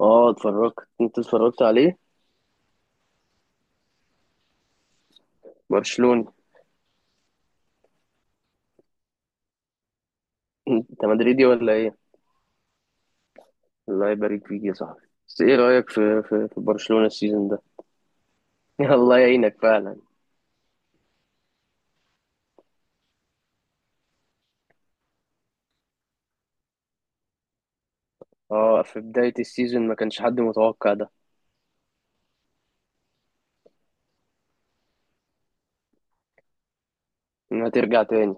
اه اتفرجت. انت اتفرجت عليه؟ برشلوني. انت مدريدي ولا ايه؟ الله يبارك فيك يا صاحبي. بس ايه رأيك في برشلونة السيزون ده؟ الله يعينك فعلا. اه، في بداية السيزون ما كانش حد متوقع ده، انها ترجع تاني.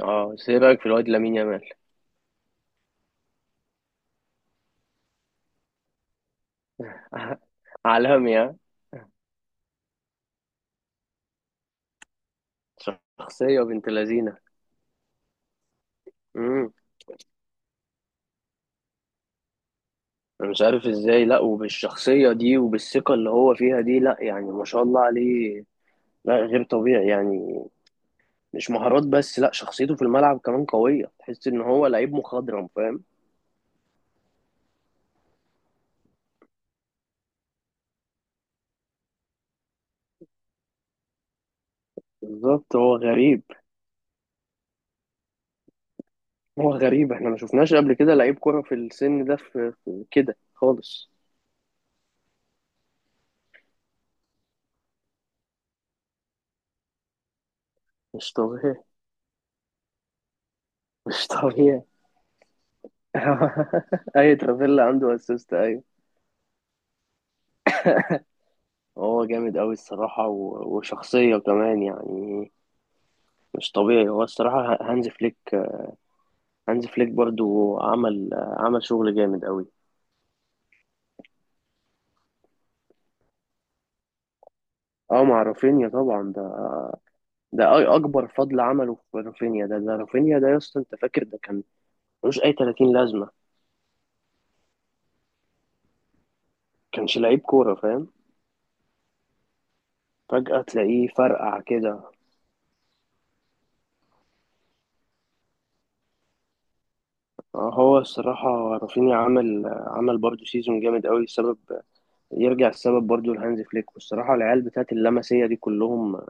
اه بس ايه رأيك في الواد لامين يامال؟ عالمي ها. شخصية بنت لذينة. امم، انا مش عارف ازاي، لا وبالشخصية دي وبالثقة اللي هو فيها دي، لا يعني ما شاء الله عليه. لا غير طبيعي يعني. مش مهارات بس، لا شخصيته في الملعب كمان قوية، تحس ان هو لعيب مخضرم، فاهم؟ بالظبط هو غريب. هو غريب، احنا ما شفناش قبل كده لعيب كرة في السن ده، في كده خالص. مش طبيعي. مش طبيعي. اي ترافيلا عنده اسيست، ايوه. هو جامد قوي الصراحة وشخصية كمان يعني. مش طبيعي هو الصراحة. هانز فليك، هانز فليك برضو عمل شغل جامد قوي. اه مع رافينيا طبعا ده. ده اكبر فضل عمله في رافينيا. ده رافينيا ده يا اسطى، انت فاكر ده كان ملوش اي 30 لازمه. كانش لعيب كوره، فاهم؟ فجاه تلاقيه فرقع كده. آه، هو الصراحه رافينيا عمل برضه سيزون جامد قوي. السبب يرجع السبب برضه لهانز فليك. والصراحه العيال بتاعت اللمسيه دي كلهم،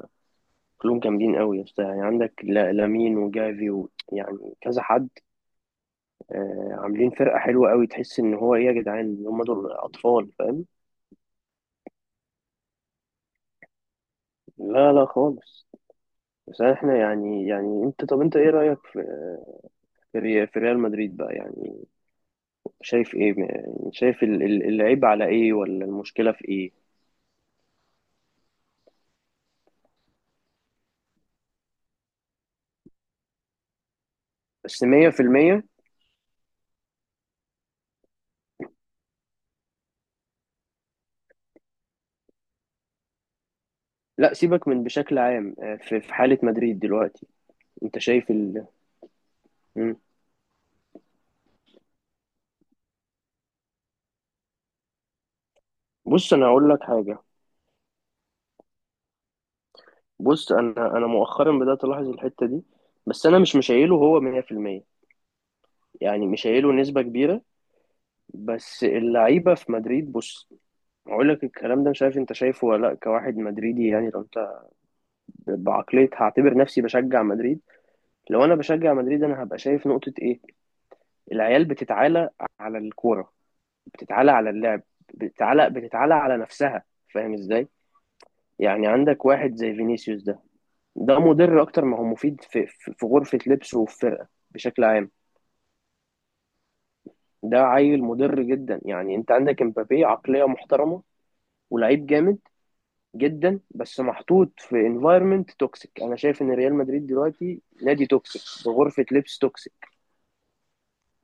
كلهم جامدين قوي يا اسطى. يعني عندك لامين وجافي يعني كذا حد. آه، عاملين فرقه حلوه قوي، تحس ان هو ايه يا جدعان، هم دول اطفال، فاهم؟ لا لا خالص. بس احنا يعني، يعني انت، طب انت ايه رأيك في، في ريال مدريد بقى يعني؟ شايف ايه يعني؟ شايف العيب على ايه ولا المشكلة في ايه؟ بس 100%. لا سيبك من بشكل عام، آه، في في حالة مدريد دلوقتي. انت شايف مم. بص انا هقول لك حاجة. بص انا مؤخرا بدأت الاحظ الحتة دي. بس انا مش مشايله هو 100%، يعني مشايله نسبة كبيرة. بس اللعيبة في مدريد، بص هقول لك الكلام ده مش عارف انت شايفه ولا لا. كواحد مدريدي يعني، لو انت بعقلية هعتبر نفسي بشجع مدريد، لو انا بشجع مدريد انا هبقى شايف نقطة ايه. العيال بتتعالى على الكورة، بتتعالى على اللعب، بتتعالى بتتعالى على نفسها. فاهم ازاي؟ يعني عندك واحد زي فينيسيوس ده، ده مضر اكتر ما هو مفيد في في غرفة لبسه وفي فرقة بشكل عام. ده عيل مضر جدا. يعني انت عندك امبابي، عقلية محترمة ولعيب جامد جدا، بس محطوط في انفايرمنت توكسيك. انا شايف ان ريال مدريد دلوقتي نادي توكسيك بغرفة لبس توكسيك.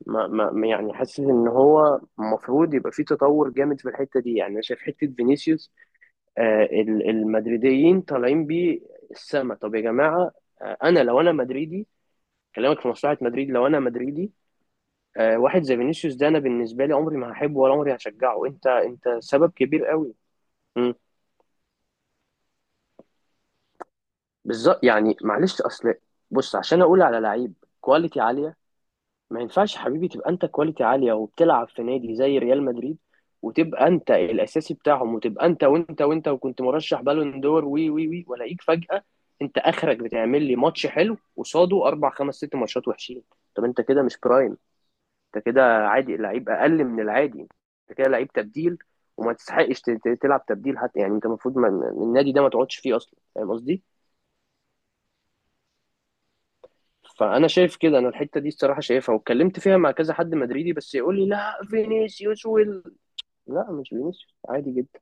ما ما يعني حاسس ان هو المفروض يبقى في تطور جامد في الحته دي. يعني انا شايف حته فينيسيوس، آه، المدريديين طالعين بيه السما. طب يا جماعه، آه، انا لو انا مدريدي، كلامك في مصلحه مدريد، لو انا مدريدي، آه، واحد زي فينيسيوس ده انا بالنسبه لي عمري ما هحبه ولا عمري هشجعه. انت سبب كبير قوي. مم. بالظبط يعني، معلش اصل، بص عشان اقول على لعيب كواليتي عاليه، ما ينفعش يا حبيبي تبقى انت كواليتي عاليه وبتلعب في نادي زي ريال مدريد، وتبقى انت الاساسي بتاعهم، وتبقى انت وانت وانت، وكنت مرشح بالون دور، وي وي وي، ولاقيك فجاه انت اخرك بتعمل لي ماتش حلو قصاده اربع خمس ست ماتشات وحشين. طب انت كده مش برايم. انت كده عادي، لعيب اقل من العادي، انت كده لعيب تبديل، وما تستحقش تلعب تبديل حتى. يعني انت المفروض النادي ده ما تقعدش فيه اصلا، فاهم قصدي؟ فانا شايف كده. انا الحته دي الصراحه شايفها واتكلمت فيها مع كذا حد مدريدي، بس يقول لي لا فينيسيوس لا مش فينيسيوس عادي جدا.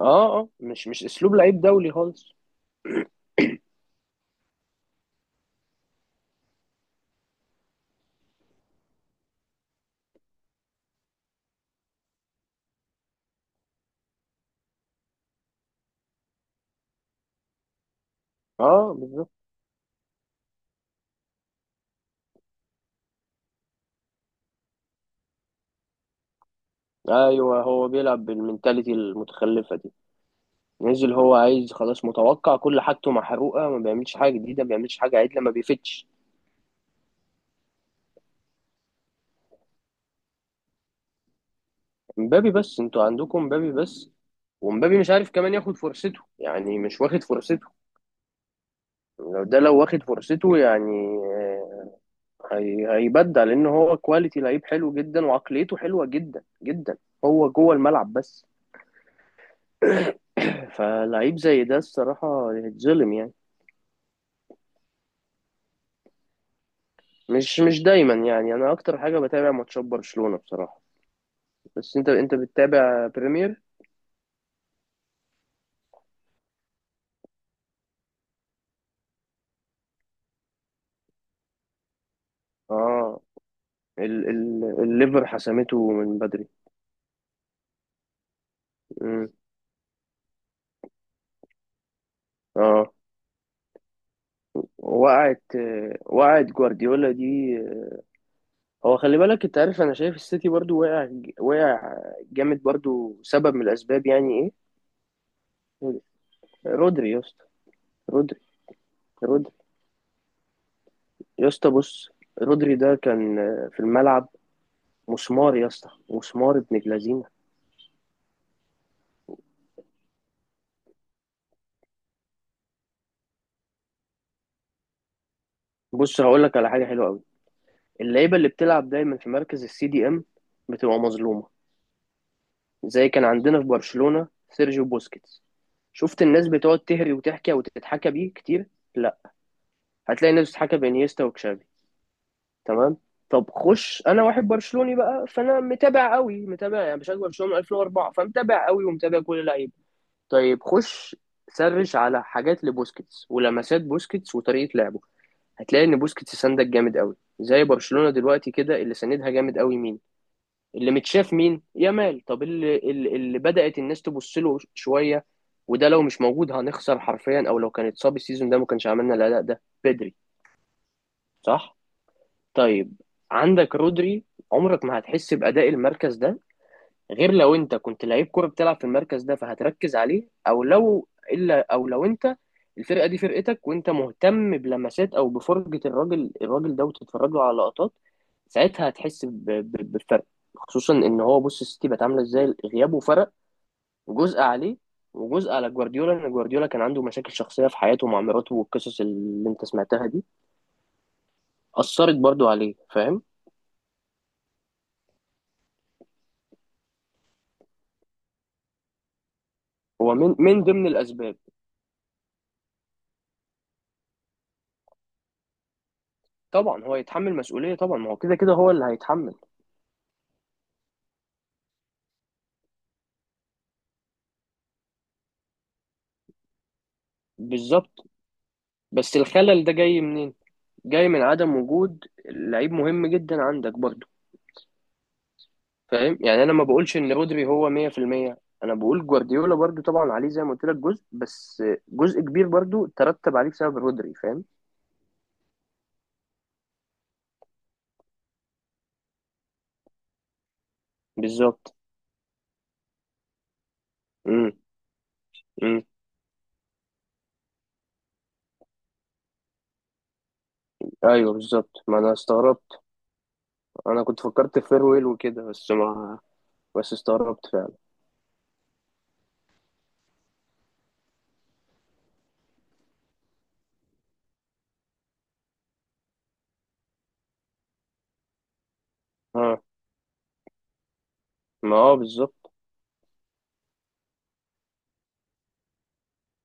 اه اه، مش مش اسلوب لعيب دولي خالص. اه بالظبط. ايوه هو بيلعب بالمنتاليتي المتخلفه دي، نزل هو عايز خلاص، متوقع، كل حاجته محروقه، ما بيعملش حاجه جديده، ما بيعملش حاجه عدله، ما بيفتش. مبابي بس، انتوا عندكم مبابي بس، ومبابي مش عارف كمان ياخد فرصته، يعني مش واخد فرصته. لو ده لو واخد فرصته يعني، آه، هيبدع، لان هو كواليتي لعيب حلو جدا وعقليته حلوه جدا جدا. هو جوه الملعب بس. فلعيب زي ده الصراحه يتظلم يعني. مش مش دايما. يعني انا اكتر حاجه بتابع ماتشات برشلونه بصراحه. بس انت بتتابع بريمير. اه الليفر حسمته من بدري. مم. اه. وقعت، وقعت جوارديولا دي. هو خلي بالك انت عارف، انا شايف السيتي برضو وقع، وقع جامد برضو، سبب من الاسباب يعني. ايه رودري يا اسطى؟ رودري. رودري يا اسطى. بص، رودري ده كان في الملعب مسمار يا اسطى، مسمار ابن جلازينة. بص هقول لك على حاجة حلوة قوي. اللعيبة اللي بتلعب دايما في مركز السي دي ام بتبقى مظلومة. زي كان عندنا في برشلونة سيرجيو بوسكيتس. شفت الناس بتقعد تهري وتحكي وتتحكى بيه كتير؟ لا. هتلاقي الناس بتتحكى بانيستا وكشافي. تمام. طب خش، انا واحد برشلوني بقى، فانا متابع قوي، متابع يعني بشجع برشلونة من 2004، فمتابع قوي ومتابع كل اللعيبة. طيب خش سرش على حاجات لبوسكيتس ولمسات بوسكيتس وطريقة لعبه، هتلاقي ان بوسكيتس سندك جامد قوي. زي برشلونة دلوقتي كده، اللي سندها جامد قوي مين؟ اللي متشاف مين؟ يامال. طب اللي اللي بدأت الناس تبص له شوية، وده لو مش موجود هنخسر حرفيا، او لو كان اتصاب السيزون ده ما كانش عملنا الاداء ده بدري. صح. طيب، عندك رودري، عمرك ما هتحس بأداء المركز ده غير لو انت كنت لعيب كوره بتلعب في المركز ده فهتركز عليه، او لو الا، او لو انت الفرقه دي فرقتك وانت مهتم بلمسات او بفرجه الراجل، الراجل ده، وتتفرج له على لقطات، ساعتها هتحس بالفرق. خصوصا ان هو، بص السيتي بقت عامله ازاي غيابه، فرق. جزء عليه وجزء على جوارديولا، ان جوارديولا كان عنده مشاكل شخصيه في حياته مع مراته، والقصص اللي انت سمعتها دي اثرت برضو عليه، فاهم؟ هو من ضمن الاسباب. طبعا هو يتحمل مسؤوليه طبعا، ما هو كده كده هو اللي هيتحمل. بالظبط. بس الخلل ده جاي منين؟ جاي من عدم وجود لعيب مهم جدا عندك برضه. فاهم؟ يعني انا ما بقولش ان رودري هو 100%، انا بقول جوارديولا برضه طبعا عليه زي ما قلت لك جزء، بس جزء كبير برضه ترتب عليه بسبب رودري، فاهم؟ بالظبط. امم. امم. ايوه بالظبط، ما انا استغربت. انا كنت فكرت في فيرويل وكده، بس ما، بس استغربت فعلا. اه، ما اه، بالظبط.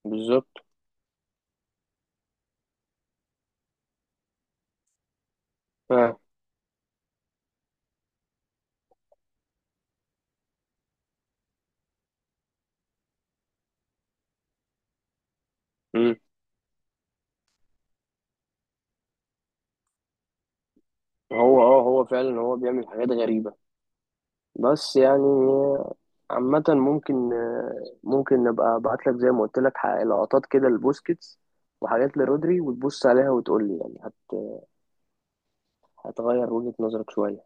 بالظبط. اه. امم. هو اه، هو فعلا هو بيعمل حاجات غريبة. بس يعني، عامة ممكن، ممكن نبقى ابعت لك زي ما قلت لك لقطات كده لبوسكيتس وحاجات لرودري، وتبص عليها وتقول لي. يعني هتغير وجهة نظرك شوية.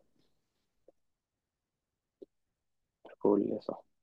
تقول لي صح.